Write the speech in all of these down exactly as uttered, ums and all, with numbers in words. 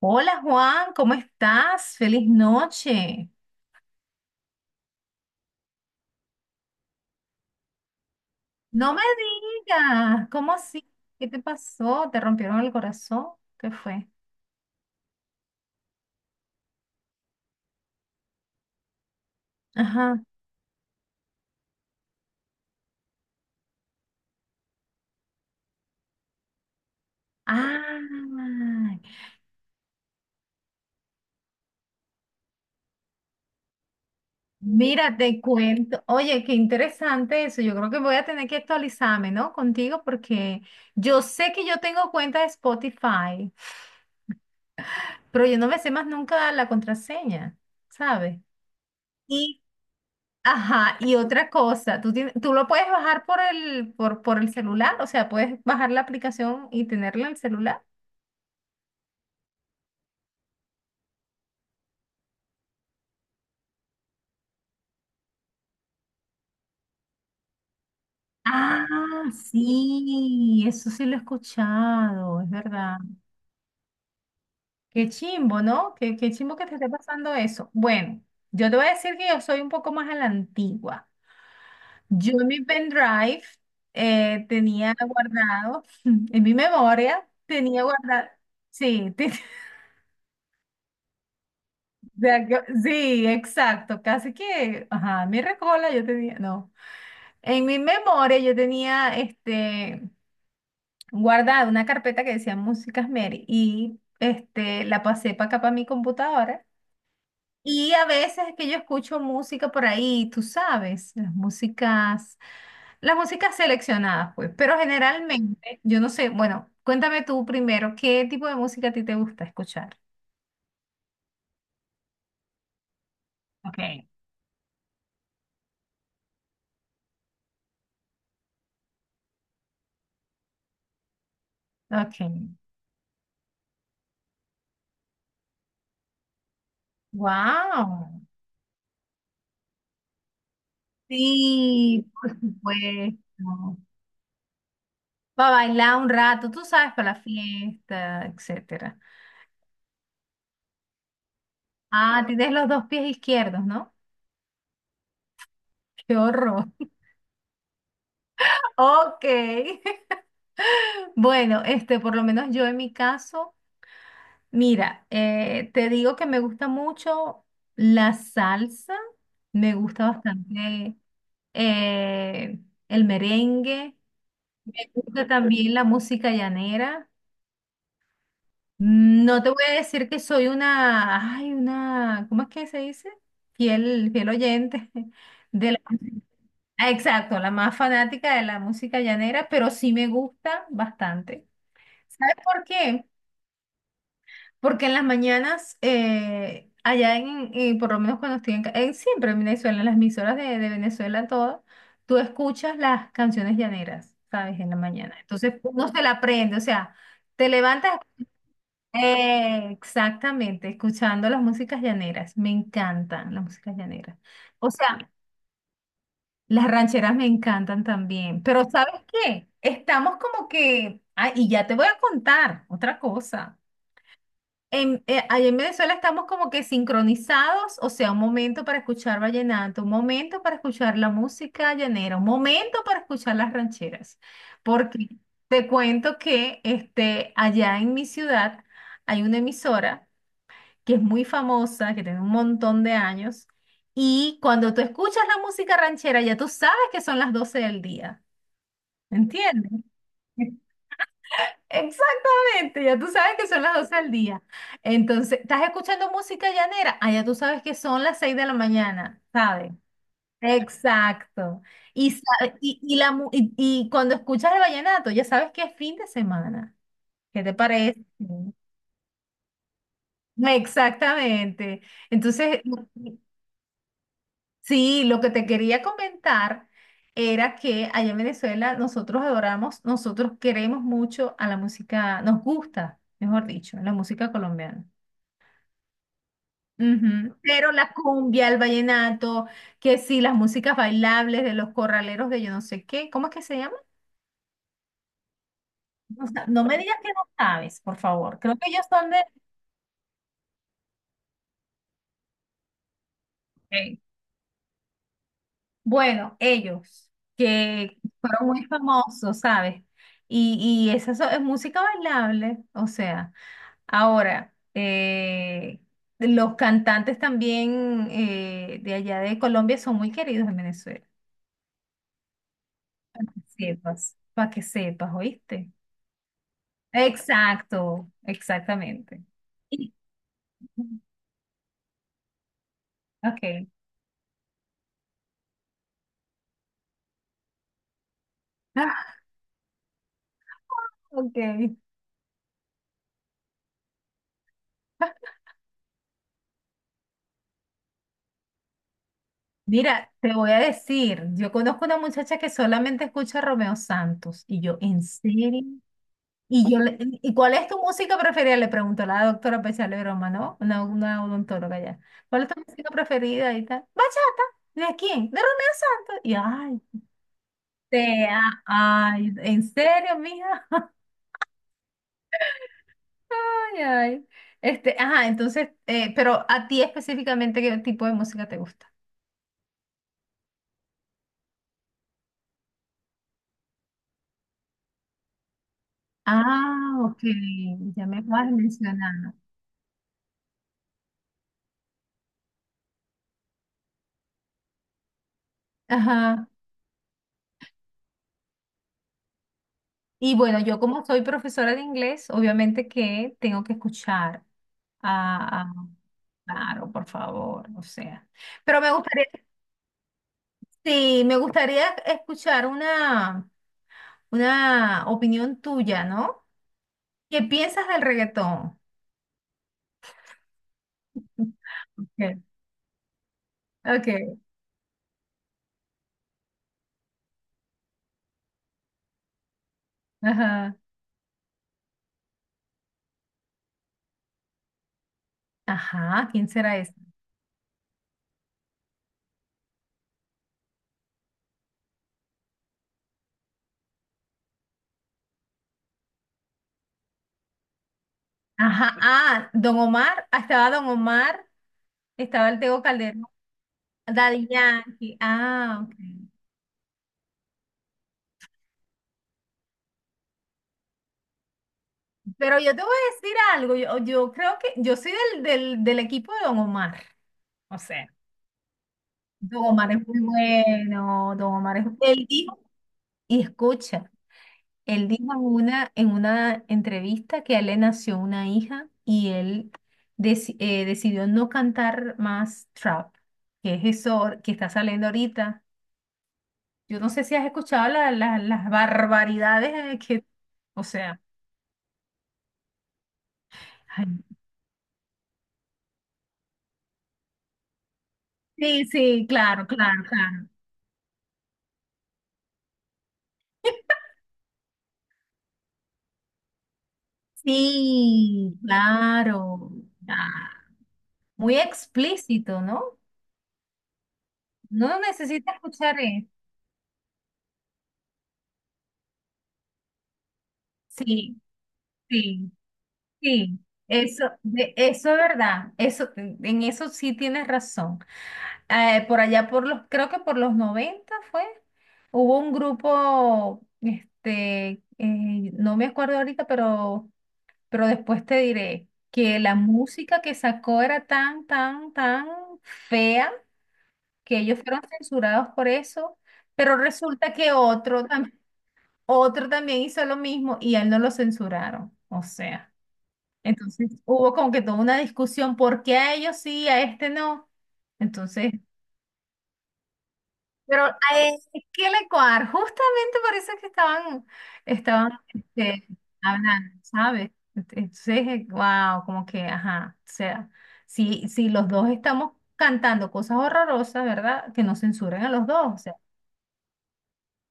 Hola Juan, ¿cómo estás? Feliz noche. No me digas, ¿cómo así? ¿Qué te pasó? ¿Te rompieron el corazón? ¿Qué fue? Ajá. Ah, mira, te cuento. Oye, qué interesante eso. Yo creo que voy a tener que actualizarme, ¿no? Contigo porque yo sé que yo tengo cuenta de Spotify, pero yo no me sé más nunca la contraseña, ¿sabes? Ajá, y otra cosa, tú, tienes- tú lo puedes bajar por el, por, por el celular, o sea, puedes bajar la aplicación y tenerla en el celular. Ah, sí, eso sí lo he escuchado, es verdad. Qué chimbo, ¿no? Qué, qué chimbo que te esté pasando eso. Bueno, yo te voy a decir que yo soy un poco más a la antigua. Yo en mi pendrive eh, tenía guardado, en mi memoria, tenía guardado, sí, De acu- Sí, exacto, casi que, ajá, mi recola yo tenía, no, en mi memoria yo tenía, este, guardada una carpeta que decía Músicas Mary y, este, la pasé para acá para mi computadora y a veces es que yo escucho música por ahí, tú sabes, las músicas, las músicas seleccionadas, pues, pero generalmente, yo no sé, bueno, cuéntame tú primero, ¿qué tipo de música a ti te gusta escuchar? Ok, ok, wow. Sí, por supuesto. Va a bailar un rato, tú sabes, para la fiesta, etcétera. Ah, tienes los dos pies izquierdos, ¿no? Qué horror. Ok. Bueno, este, por lo menos yo en mi caso, mira, eh, te digo que me gusta mucho la salsa, me gusta bastante eh, el merengue, me gusta también la música llanera. No te voy a decir que soy una, ay, una, ¿cómo es que se dice? Fiel, fiel oyente de la, Ah, exacto, la más fanática de la música llanera, pero sí me gusta bastante. ¿Sabes por qué? Porque en las mañanas, eh, allá en, eh, por lo menos cuando estoy en, ca- en- siempre en Venezuela, en las emisoras de, de Venezuela, todas, tú escuchas las canciones llaneras, ¿sabes? En la mañana. Entonces uno se la aprende, o sea, te levantas eh, exactamente, escuchando las músicas llaneras, me encantan las músicas llaneras. O sea, las rancheras me encantan también, pero ¿sabes qué? Estamos como que, ah, y ya te voy a contar otra cosa. En, eh, allá en Venezuela estamos como que sincronizados, o sea, un momento para escuchar vallenato, un momento para escuchar la música llanera, un momento para escuchar las rancheras, porque te cuento que este, allá en mi ciudad hay una emisora que es muy famosa, que tiene un montón de años, y cuando tú escuchas la música ranchera, ya tú sabes que son las doce del día, ¿entiendes? Exactamente, ya tú sabes que son las doce del día. Entonces, ¿estás escuchando música llanera? Ah, ya tú sabes que son las seis de la mañana, ¿sabes? Exacto. Y, sa- y, y la, mu- y, y cuando escuchas el vallenato, ya sabes que es fin de semana. ¿Qué te parece? Exactamente. Entonces, sí, lo que te quería comentar era que allá en Venezuela nosotros adoramos, nosotros queremos mucho a la música, nos gusta, mejor dicho, la música colombiana. Ujú. Pero la cumbia, el vallenato, que sí, las músicas bailables de los corraleros de yo no sé qué, ¿cómo es que se llama? No, sa- no me digas que no sabes, por favor. Creo que ellos son de... Ok. Bueno, ellos, que fueron muy famosos, ¿sabes? Y, y esa so- es música bailable, o sea. Ahora, eh, los cantantes también eh, de allá de Colombia son muy queridos en Venezuela. Sepas, para que sepas, ¿oíste? Exacto, exactamente. Y- Ok. Ah, ok. Mira, te voy a decir, yo conozco una muchacha que solamente escucha a Romeo Santos y yo, ¿en serio? Y yo, le- ¿y cuál es tu música preferida? Le preguntó la doctora Pechalero Roma, ¿no? Una, una odontóloga ya. ¿Cuál es tu música preferida? Y tal. Bachata. ¿De quién? De Romeo Santos. Y ay, te, a- ay, ¿en serio, mija? Ay, ay. Este, ajá, entonces, eh, pero a ti específicamente, ¿qué tipo de música te gusta? Ah, ok. Ya me acabas de mencionar. ¿No? Ajá. Y bueno, yo como soy profesora de inglés, obviamente que tengo que escuchar a, a- claro, por favor, o sea. Pero me gustaría, sí, me gustaría escuchar una, una opinión tuya, ¿no? ¿Qué piensas del reggaetón? Okay. Ok. Ajá. Ajá, ¿quién será ese? Ajá, ah, Don Omar, ah, estaba Don Omar, estaba el Tego Calderón, Daddy Yankee, ah, ok. Pero yo te voy a decir algo, yo, yo creo que yo soy del, del, del equipo de Don Omar, o sea, Don Omar es muy bueno, Don Omar es... Él dijo, y escucha, él dijo en una, en una entrevista que a él le nació una hija y él deci- eh, decidió no cantar más trap, que es eso que está saliendo ahorita. Yo no sé si has escuchado la- la- las barbaridades eh, que, o sea, ay, sí, sí, claro, claro, claro. Sí, claro. Ah, muy explícito, ¿no? No necesita escuchar eso. Sí, sí, sí. Eso, de, eso es verdad. Eso, en eso sí tienes razón. Eh, por allá por los, creo que por los noventa fue, hubo un grupo, este, eh, no me acuerdo ahorita, pero, pero después te diré que la música que sacó era tan, tan, tan fea que ellos fueron censurados por eso, pero resulta que otro, tam- otro también hizo lo mismo y a él no lo censuraron. O sea, entonces hubo como que toda una discusión, ¿por qué a ellos sí, a este no? Entonces, pero a él, ¿qué le coar? Justamente por eso es que estaban, estaban este, hablando, ¿sabes? Entonces, wow, como que, ajá, o sea, si, si los dos estamos cantando cosas horrorosas, ¿verdad? Que no censuren a los dos. O sea,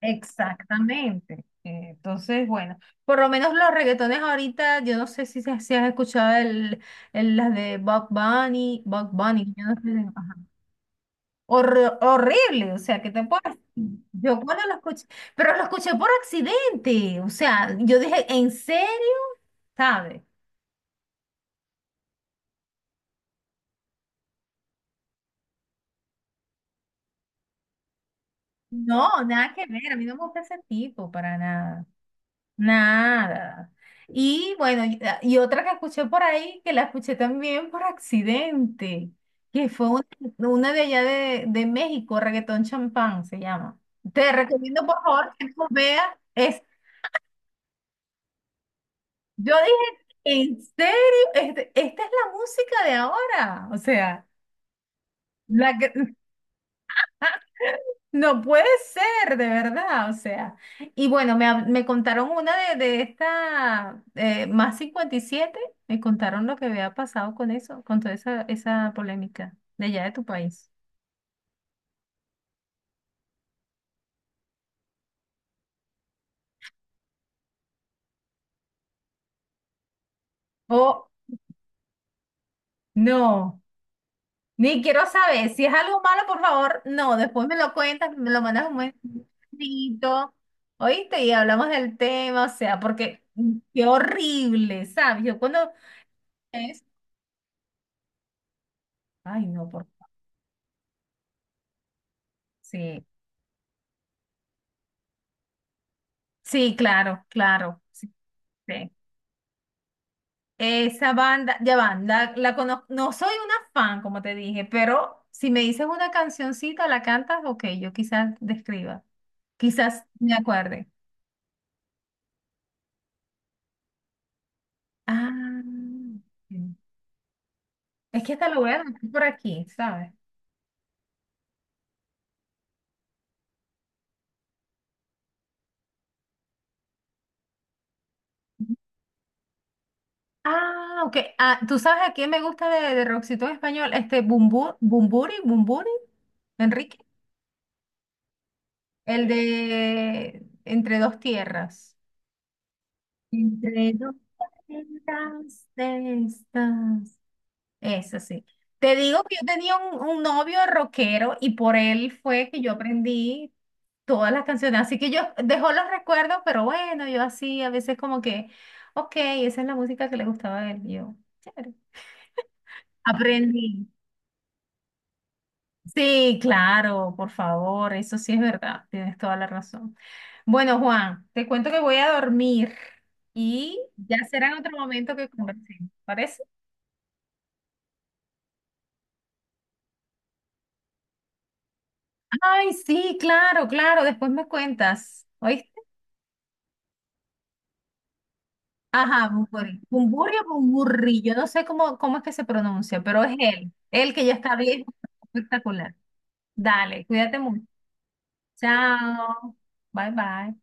exactamente. Eh, Entonces, bueno, por lo menos los reggaetones ahorita, yo no sé si, se- si has escuchado el, el- las de Bob Bunny, Bob Bunny, yo no sé, ajá. Hor- horrible, o sea, ¿qué te puedo decir? Yo cuando lo escuché, pero lo escuché por accidente, o sea, yo dije, ¿en serio? ¿Sabes? No, nada que ver, a mí no me gusta ese tipo para nada. Nada. Y bueno, y, ah, y otra que escuché por ahí, que la escuché también por accidente, que fue una, una de allá de, de México, Reggaetón Champán se llama. Te recomiendo, por favor, que tú veas. Es, yo dije, ¿en serio? Este- esta es la música de ahora. O sea, la que, no puede ser, de verdad, o sea. Y bueno, me, hab- me contaron una de, de esta, eh, más cincuenta y siete. Me contaron lo que había pasado con eso, con toda esa, esa polémica de allá de tu país. Oh, no, ni quiero saber, si es algo malo, por favor, no, después me lo cuentas, me lo mandas un mensajito, ¿oíste? Y hablamos del tema, o sea, porque mm, qué horrible, ¿sabes? Yo cuando es, ay, no, por favor, sí. Sí, claro, claro. Sí. Sí. Esa banda, ya banda, la la conozco, no soy una fan, como te dije, pero si me dices una cancioncita, la cantas, ok, yo quizás describa, quizás me acuerde. Ah, sí, es que hasta lo voy a anotar por aquí, ¿sabes? Ah, ok. Ah, ¿tú sabes a quién me gusta de, de Roxito en español? Este Bumburi, Bumburi, Bumburi, Enrique, el de Entre dos tierras. Entre dos plantas de estas. Eso sí. Te digo que yo tenía un, un novio rockero y por él fue que yo aprendí todas las canciones. Así que yo dejó los recuerdos, pero bueno, yo así a veces como que, ok, esa es la música que le gustaba a él. Y yo, chévere. Aprendí. Sí, claro, por favor, eso sí es verdad, tienes toda la razón. Bueno, Juan, te cuento que voy a dormir y ya será en otro momento que conversemos, ¿parece? Ay, sí, claro, claro, después me cuentas, ¿oíste? Ajá, Bumburi. Bumburi o Bumburri, yo no sé cómo, cómo es que se pronuncia, pero es él, él que ya está viejo, espectacular. Dale, cuídate mucho. Chao, bye bye.